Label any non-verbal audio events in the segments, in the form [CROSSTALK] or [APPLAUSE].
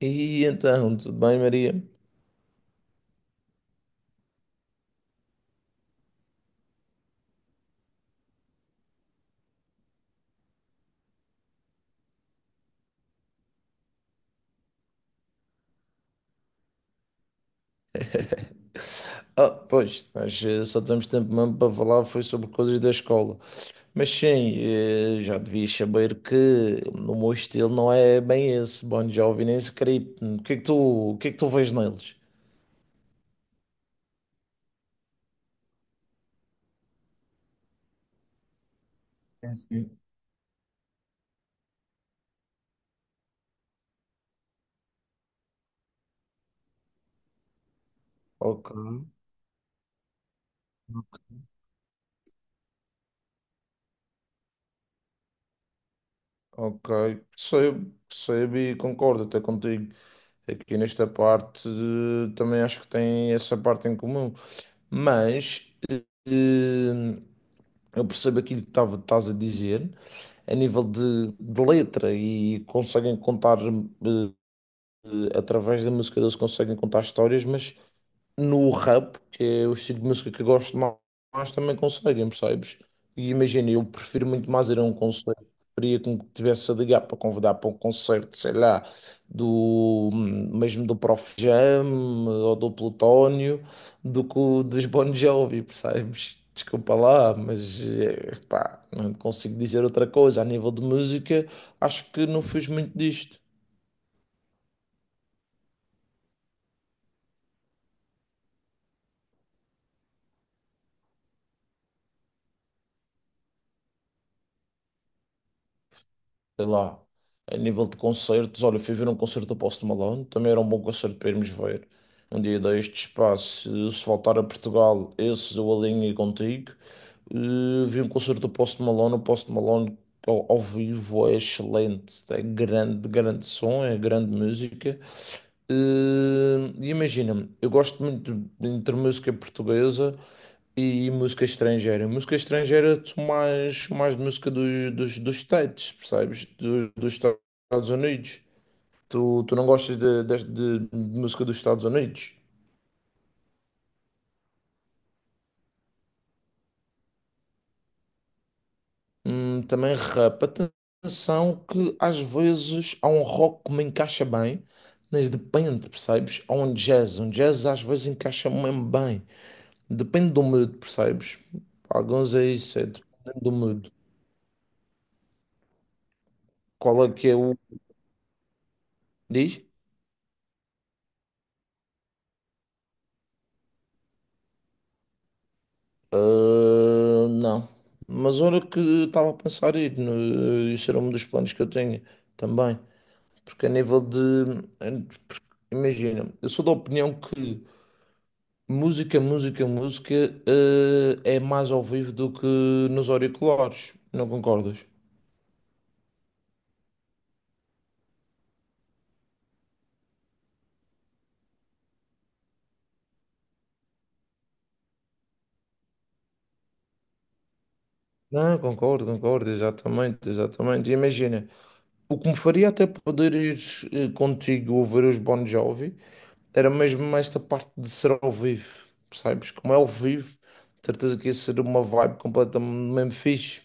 E então, tudo bem, Maria? [LAUGHS] Ah, pois, só temos tempo mesmo para falar foi sobre coisas da escola. Mas sim, já devias saber que o meu estilo não é bem esse, Bon Jovi nem Script. O que é que tu vês neles? Sim. Ok, ok, percebo, percebo e concordo até contigo. Aqui nesta parte, também acho que tem essa parte em comum, mas eh, eu percebo aquilo que estás a dizer, a nível de letra, e conseguem contar, através da música, eles conseguem contar histórias, mas no rap, que é o estilo de música que eu gosto mais, também conseguem, percebes? E imagina, eu prefiro muito mais ir a um concerto. Preferia que me tivesse a ligar para convidar para um concerto, sei lá, do mesmo do Prof Jam ou do Plutónio, do que o dos Bon Jovi, percebes? Desculpa lá, mas pá, não consigo dizer outra coisa. A nível de música, acho que não fiz muito disto. Sei lá, a nível de concertos, olha, fui ver um concerto do Post Malone, também era um bom concerto para irmos ver. Um dia deste espaço, se se voltar a Portugal, esses eu alinho contigo. Vi um concerto do Post Malone, o Post Malone ao vivo é excelente, é grande, grande som, é grande música. E imagina-me, eu gosto muito entre música portuguesa. E música estrangeira? Música estrangeira, tu mais, mais de música dos States, percebes? Dos Estados Unidos. Tu não gostas de música dos Estados Unidos? Também rap. Atenção que às vezes há um rock que me encaixa bem, mas depende, percebes? Há um jazz. Um jazz às vezes encaixa mesmo bem. Depende do mood, percebes? Alguns é isso, é dependendo do mood. Qual é que é o... Diz? Ah, não. Mas olha que estava a pensar ir, isso era um dos planos que eu tenho também. Porque a nível de. Porque, imagina, eu sou da opinião que música ah, é mais ao vivo do que nos auriculares. Não concordas? Não, concordo, concordo, exatamente, exatamente. Imagina, o que me faria até poder ir, contigo ouvir os Bon Jovi. Era mesmo esta parte de ser ao vivo, percebes? Como é ao vivo, de certeza que ia ser uma vibe completamente mesmo fixe.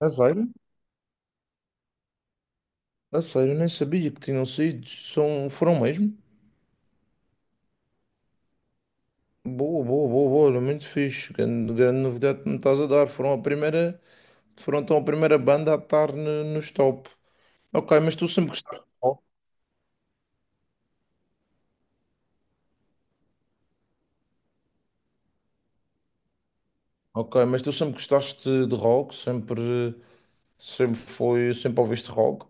A sério? A sério, nem sabia que tinham sido. São, foram mesmo? Boa, boa, boa, boa, olha, muito fixe. Grande, grande novidade que me estás a dar. Foram a primeira, foram então a primeira banda a estar nos top. Ok, mas tu sempre gostaste de rock. Ok, mas tu sempre gostaste de rock, sempre, sempre foi, sempre ouviste rock.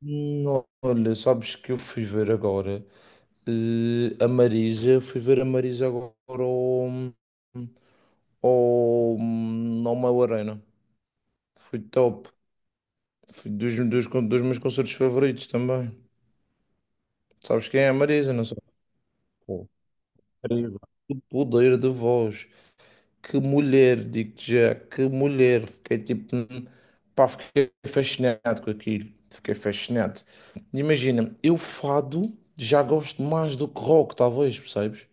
Não, olha, sabes que eu fui ver agora. A Marisa, fui ver a Marisa agora ao, ao Mel Arena. Foi top. Foi dos meus concertos favoritos também. Sabes quem é a Marisa? Não sei. Pô, incrível. O poder de voz. Que mulher, digo-te já, que mulher. Fiquei tipo, pá, fiquei fascinado com aquilo. Fiquei fascinado. Imagina, eu fado já gosto mais do que rock, talvez, percebes?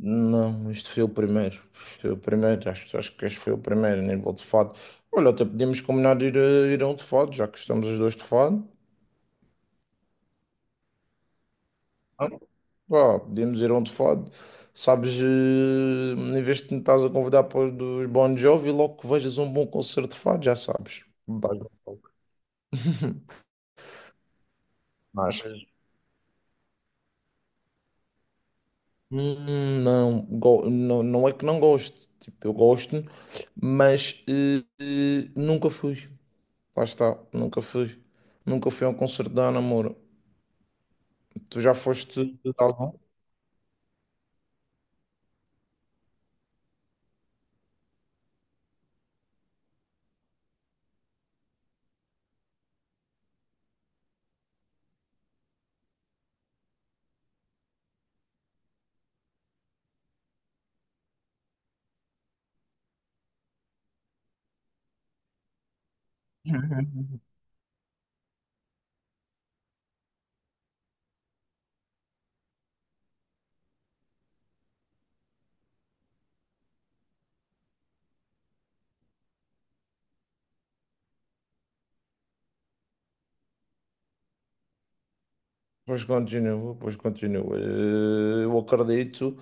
Não, este foi o primeiro. Este foi o primeiro, acho, acho que este foi o primeiro, nem vou de fado. Olha, até podíamos combinar de ir, ir a um de fado, já que estamos os dois de fado. Ah, pá, podíamos ir a um de fado. Sabes, em vez de me estás a convidar para os dos Bon Jovi, logo que vejas um bom concerto de fado, já sabes. Dás-me um toque. [LAUGHS] Mas, não, não, não é que não gosto. Tipo, eu gosto, mas nunca fui. Lá está, nunca fui. Nunca fui a um concerto da Ana Moura. Tu já foste de algum? Pois continua, pois continua. Eh, eu acredito.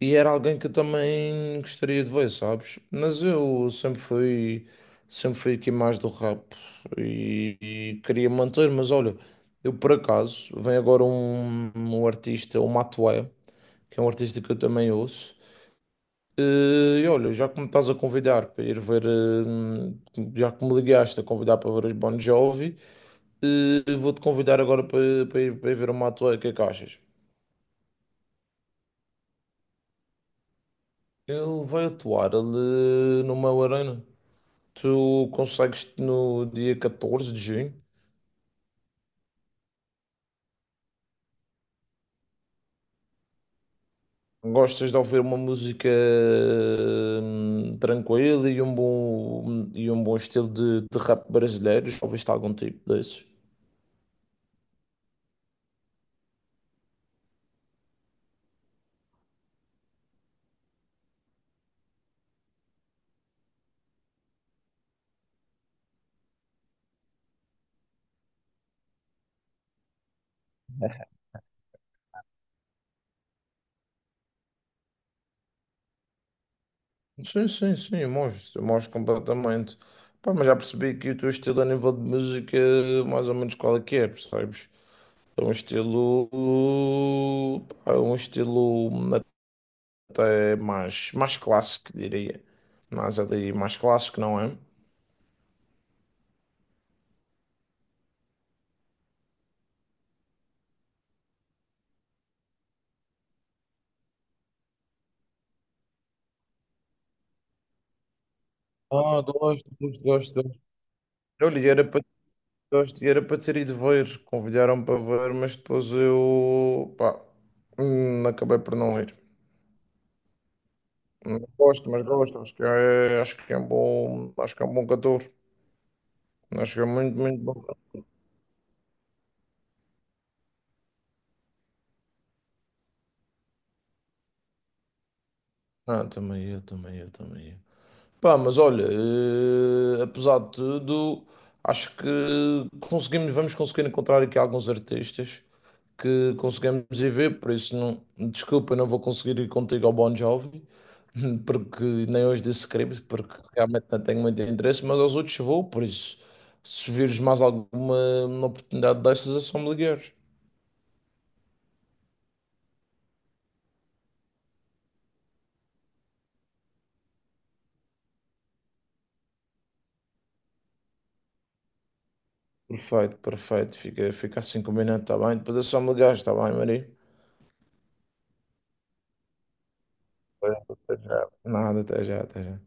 E era alguém que eu também gostaria de ver, sabes? Mas eu sempre fui aqui mais do rap e queria manter, mas olha, eu por acaso, vem agora um artista, o Matuê, que é um artista que eu também ouço. E olha, já que me estás a convidar para ir ver, já que me ligaste a convidar para ver os Bon Jovi, vou-te convidar agora para ir ver o Mato. O que é que achas? Ele vai atuar ali no meu Arena. Tu consegues no dia 14 de junho? Gostas de ouvir uma música tranquila e um bom estilo de rap brasileiro? Já ouviste algum tipo desses? Sim, sim, sim, mostro, mostro completamente. Pá, mas já percebi que o teu estilo a nível de música é mais ou menos qual é que é, percebes? É um estilo, pá, é um estilo até mais, mais clássico, diria. Mas ali mais clássico, não é? Ah, gosto, gosto, gosto, gosto. Olha, e era para, gosto, e era para ter ido ver, convidaram para ver, mas depois eu, pá, acabei por não ir. Gosto, mas gosto, acho que é um bom, acho que é um bom cantor. Acho que é muito, muito bom. Ah, também eu, também eu, também eu. Pá, mas olha, apesar de tudo, acho que conseguimos, vamos conseguir encontrar aqui alguns artistas que conseguimos ir ver, por isso não, desculpa, não vou conseguir ir contigo ao Bon Jovi, [LAUGHS] porque nem hoje disse script, porque realmente não tenho muito interesse, mas aos outros vou, por isso, se vires mais alguma oportunidade dessas, é só me ligares. Perfeito, perfeito, fica, fica assim combinado, tá bem? Depois é só me ligares, está bem, Maria? Pois, até já. Nada, até já, até já.